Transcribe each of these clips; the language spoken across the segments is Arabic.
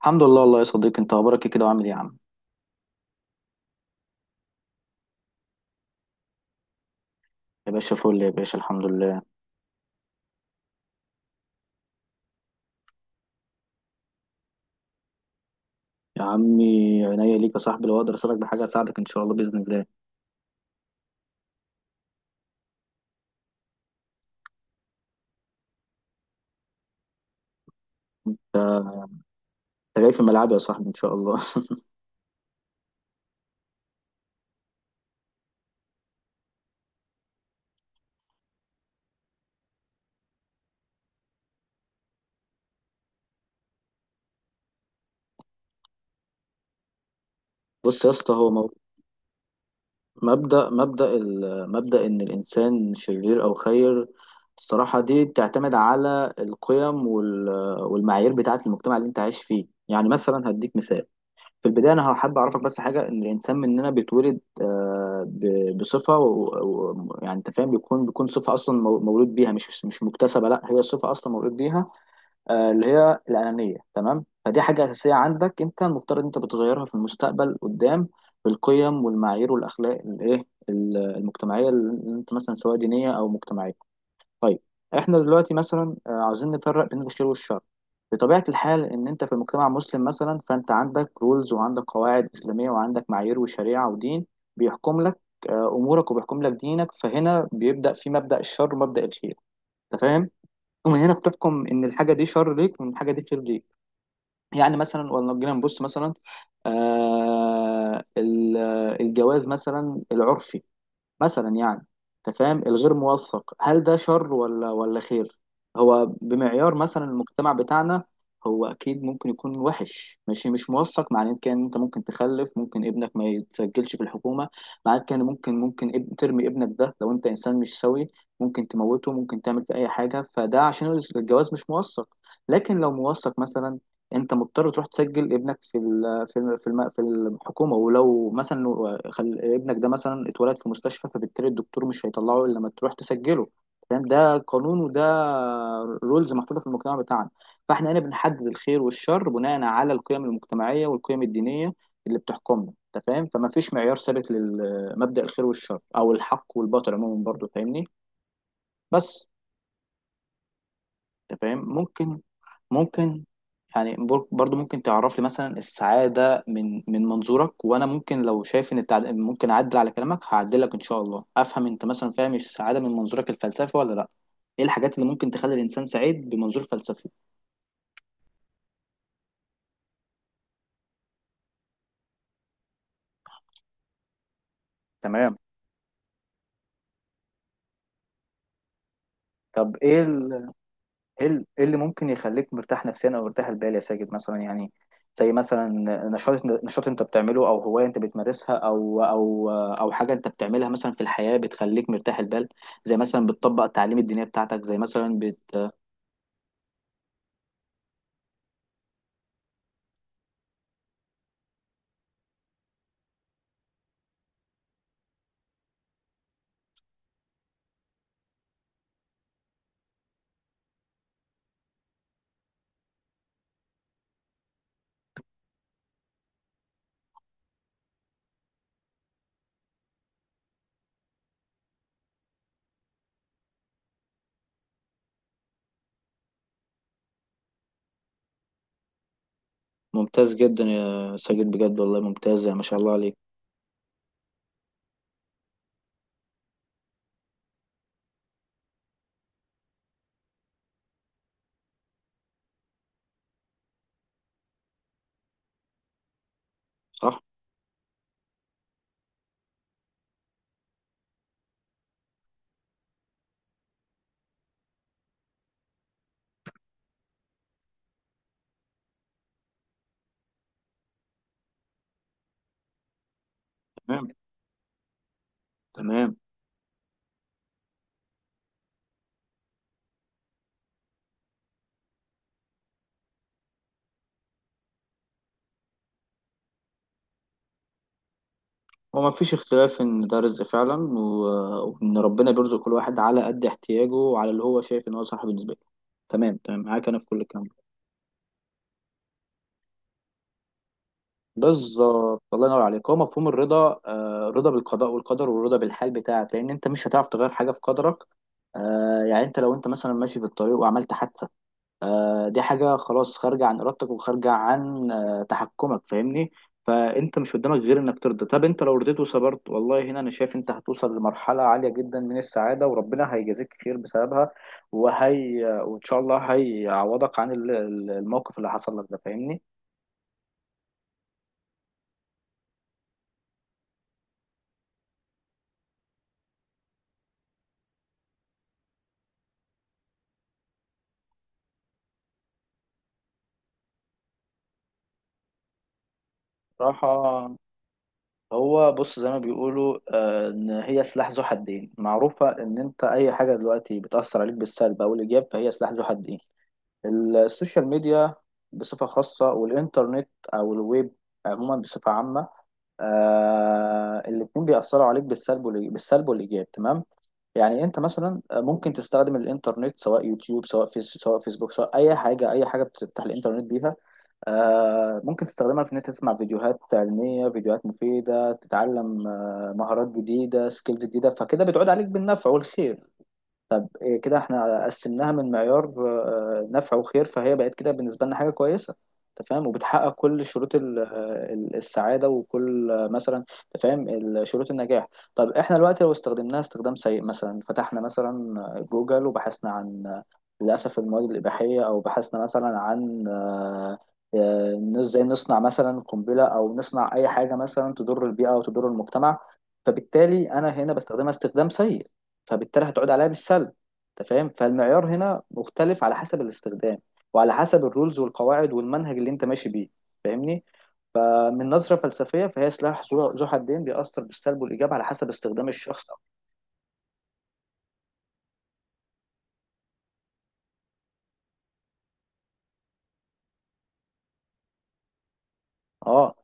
الحمد لله والله يا صديقي، انت اخبارك ايه كده وعامل ايه يا عم؟ يا باشا فل، يا باشا الحمد لله. يا عمي عينيا ليك يا صاحبي، لو اقدر اساعدك بحاجه اساعدك ان شاء الله باذن الله. انت جاي في ملعبي يا صاحبي ان شاء الله. بص يا اسطى، هو مبدا ان الانسان شرير او خير، الصراحه دي بتعتمد على القيم والمعايير بتاعه المجتمع اللي انت عايش فيه. يعني مثلا هديك مثال. في البداية أنا حابب أعرفك بس حاجة، إن الإنسان مننا بيتولد، بصفة يعني أنت فاهم، بيكون صفة أصلا مولود بيها، مش مكتسبة. لا، هي صفة أصلا مولود بيها، اللي هي الأنانية، تمام؟ فدي حاجة أساسية عندك. أنت المفترض أنت بتغيرها في المستقبل قدام بالقيم والمعايير والأخلاق الإيه، المجتمعية، اللي أنت مثلا سواء دينية أو مجتمعية. طيب، احنا دلوقتي مثلا عاوزين نفرق بين الخير والشر. بطبيعة الحال ان انت في مجتمع مسلم مثلا، فانت عندك رولز وعندك قواعد اسلامية وعندك معايير وشريعة ودين بيحكم لك امورك، وبيحكم لك دينك. فهنا بيبدأ في مبدأ الشر ومبدأ الخير، انت فاهم؟ ومن هنا بتحكم ان الحاجة دي شر ليك وان الحاجة دي خير ليك. يعني مثلا، ولو جينا نبص مثلا آه، ال- الجواز مثلا العرفي، مثلا يعني، انت فاهم، الغير موثق، هل ده شر ولا خير؟ هو بمعيار مثلا المجتمع بتاعنا هو اكيد ممكن يكون وحش. ماشي، مش موثق معناه كان انت ممكن تخلف، ممكن ابنك ما يتسجلش في الحكومه، معناه كان ممكن ترمي ابنك ده لو انت انسان مش سوي، ممكن تموته، ممكن تعمل فيه اي حاجه، فده عشان الجواز مش موثق. لكن لو موثق مثلا، انت مضطر تروح تسجل ابنك في ال في ال في, الم في الحكومه. ولو مثلا خل ابنك ده مثلا اتولد في مستشفى، فبالتالي الدكتور مش هيطلعه الا لما تروح تسجله. فاهم؟ ده قانون وده رولز محطوطه في المجتمع بتاعنا. فاحنا هنا بنحدد الخير والشر بناء على القيم المجتمعيه والقيم الدينيه اللي بتحكمنا، انت فاهم؟ فما فيش معيار ثابت لمبدأ الخير والشر او الحق والباطل عموما، برضو فاهمني؟ بس. انت فاهم؟ ممكن، ممكن يعني برضو ممكن تعرف لي مثلا السعادة من من منظورك، وانا ممكن لو شايف ان ممكن اعدل على كلامك هعدلك ان شاء الله. افهم انت مثلا فاهم السعادة من منظورك الفلسفي ولا لا؟ ايه الحاجات اللي ممكن تخلي الانسان سعيد بمنظور فلسفي؟ تمام. طب ايه ايه إيه اللي ممكن يخليك مرتاح نفسيا او مرتاح البال يا ساجد؟ مثلا يعني زي مثلا نشاط انت بتعمله، او هوايه انت بتمارسها، او او حاجه انت بتعملها مثلا في الحياه بتخليك مرتاح البال. زي مثلا بتطبق التعليم الدينيه بتاعتك، زي مثلا ممتاز جدا يا ساجد، بجد والله ممتاز، ما شاء الله عليك. صح. تمام. تمام. هو ما فيش اختلاف ان ده رزق فعلا، وان ربنا بيرزق كل واحد على قد احتياجه وعلى اللي هو شايف ان هو صح بالنسبه له. تمام، تمام، معاك انا في كل الكلام. بالظبط، الله ينور عليك. هو مفهوم الرضا، الرضا بالقضاء والقدر، والرضا بالحال بتاعك، لان انت مش هتعرف تغير حاجه في قدرك. يعني انت لو انت مثلا ماشي في الطريق وعملت حادثه، دي حاجه خلاص خارجه عن ارادتك وخارجه عن تحكمك، فاهمني؟ فانت مش قدامك غير انك ترضى. طب انت لو رضيت وصبرت، والله هنا انا شايف انت هتوصل لمرحله عاليه جدا من السعاده، وربنا هيجازيك خير بسببها، وهي وان شاء الله هيعوضك عن الموقف اللي حصل لك ده، فاهمني؟ صراحه هو بص، زي ما بيقولوا ان هي سلاح ذو حدين. معروفه ان انت اي حاجه دلوقتي بتاثر عليك بالسلب او الايجاب، فهي سلاح ذو حدين. السوشيال ميديا بصفه خاصه، والانترنت او الويب عموما بصفه عامه، آه الاتنين بيأثروا عليك بالسلب والإيجاب، تمام. يعني أنت مثلا ممكن تستخدم الإنترنت، سواء يوتيوب سواء فيس سواء فيسبوك، سواء أي حاجة، أي حاجة بتفتح الإنترنت بيها، ممكن تستخدمها في إن أنت تسمع فيديوهات علمية، فيديوهات مفيدة، تتعلم مهارات جديدة، سكيلز جديدة، فكده بتعود عليك بالنفع والخير. إيه كده احنا قسمناها من معيار نفع وخير، فهي بقت كده بالنسبة لنا حاجة كويسة، انت فاهم، وبتحقق كل شروط السعادة، وكل مثلا انت فاهم شروط النجاح. طب احنا دلوقتي لو استخدمناها استخدام سيء، مثلا فتحنا مثلا جوجل وبحثنا عن للأسف المواد الإباحية، أو بحثنا مثلا عن إن ازاي نصنع مثلا قنبلة، أو نصنع أي حاجة مثلا تضر البيئة أو تضر المجتمع، فبالتالي أنا هنا بستخدمها استخدام سيء، فبالتالي هتعود عليا بالسلب. انت فاهم؟ فالمعيار هنا مختلف على حسب الاستخدام، وعلى حسب الرولز والقواعد والمنهج اللي انت ماشي بيه، فاهمني؟ فمن نظرة فلسفية فهي سلاح ذو حدين، بيأثر بالسلب والإيجاب على حسب استخدام الشخص. اه.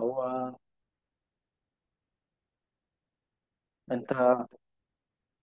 هو انت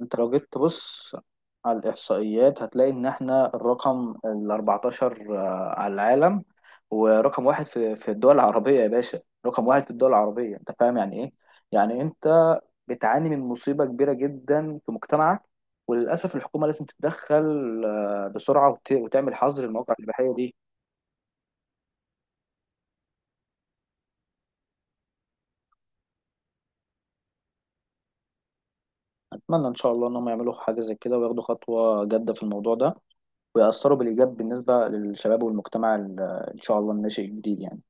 انت لو جيت تبص على الإحصائيات هتلاقي إن إحنا الرقم ال 14 على العالم، ورقم واحد في الدول العربية يا باشا. رقم واحد في الدول العربية، أنت فاهم يعني إيه؟ يعني أنت بتعاني من مصيبة كبيرة جدا في مجتمعك، وللأسف الحكومة لازم تتدخل بسرعة، وتعمل حظر للمواقع الإباحية دي. أتمنى إن شاء الله إن هم يعملوا حاجة زي كده، وياخدوا خطوة جادة في الموضوع ده، ويأثروا بالإيجاب بالنسبة للشباب والمجتمع إن شاء الله الناشئ الجديد يعني.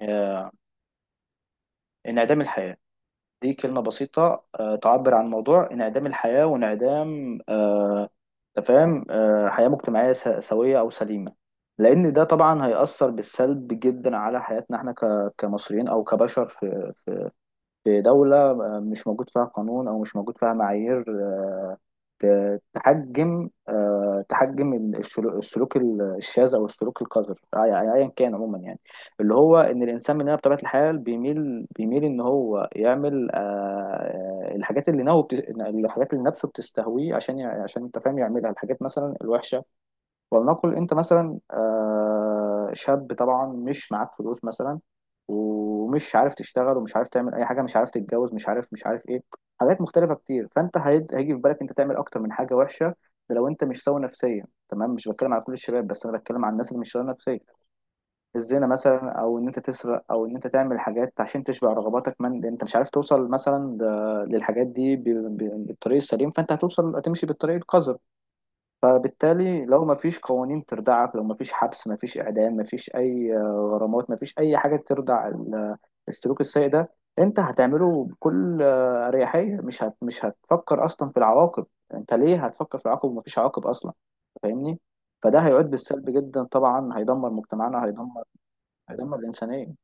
آه، انعدام الحياة، دي كلمة بسيطة تعبر عن موضوع انعدام الحياة، وانعدام أنت فاهم حياة مجتمعية سوية أو سليمة، لأن ده طبعا هيأثر بالسلب جدا على حياتنا احنا كمصريين أو كبشر في في دولة مش موجود فيها قانون، أو مش موجود فيها معايير تحجم تحجم السلوك الشاذ، أو السلوك القذر، أيا كان عموما يعني. اللي هو إن الإنسان مننا بطبيعة الحال بيميل إن هو يعمل الحاجات الحاجات اللي نفسه بتستهويه، عشان عشان أنت فاهم يعملها، الحاجات مثلا الوحشة. ولنقل انت مثلا شاب، طبعا مش معاك فلوس مثلا، ومش عارف تشتغل، ومش عارف تعمل اي حاجه، مش عارف تتجوز، مش عارف ايه، حاجات مختلفه كتير. فانت هيجي في بالك انت تعمل اكتر من حاجه وحشه، ده لو انت مش سوي نفسيا. تمام، مش بتكلم على كل الشباب، بس انا بتكلم على الناس اللي مش سوي نفسيا. الزنا مثلا، او ان انت تسرق، او ان انت تعمل حاجات عشان تشبع رغباتك، من لأن انت مش عارف توصل مثلا للحاجات دي بالطريق السليم، فانت هتوصل هتمشي بالطريق القذر. فبالتالي لو ما فيش قوانين تردعك، لو ما فيش حبس، ما فيش اعدام، ما فيش اي غرامات، ما فيش اي حاجه تردع السلوك السيء ده، انت هتعمله بكل اريحيه، مش هتفكر اصلا في العواقب. انت ليه هتفكر في العواقب وما فيش عواقب اصلا، فاهمني؟ فده هيعود بالسلب جدا، طبعا هيدمر مجتمعنا، هيدمر، هيدمر الانسانيه.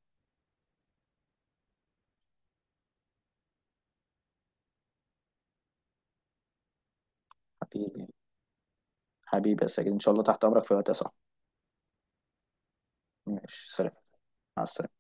حبيبي، حبيبي يا ساجد ان شاء الله تحت امرك في وقت يا صاحبي. ماشي سلام. مع السلامه.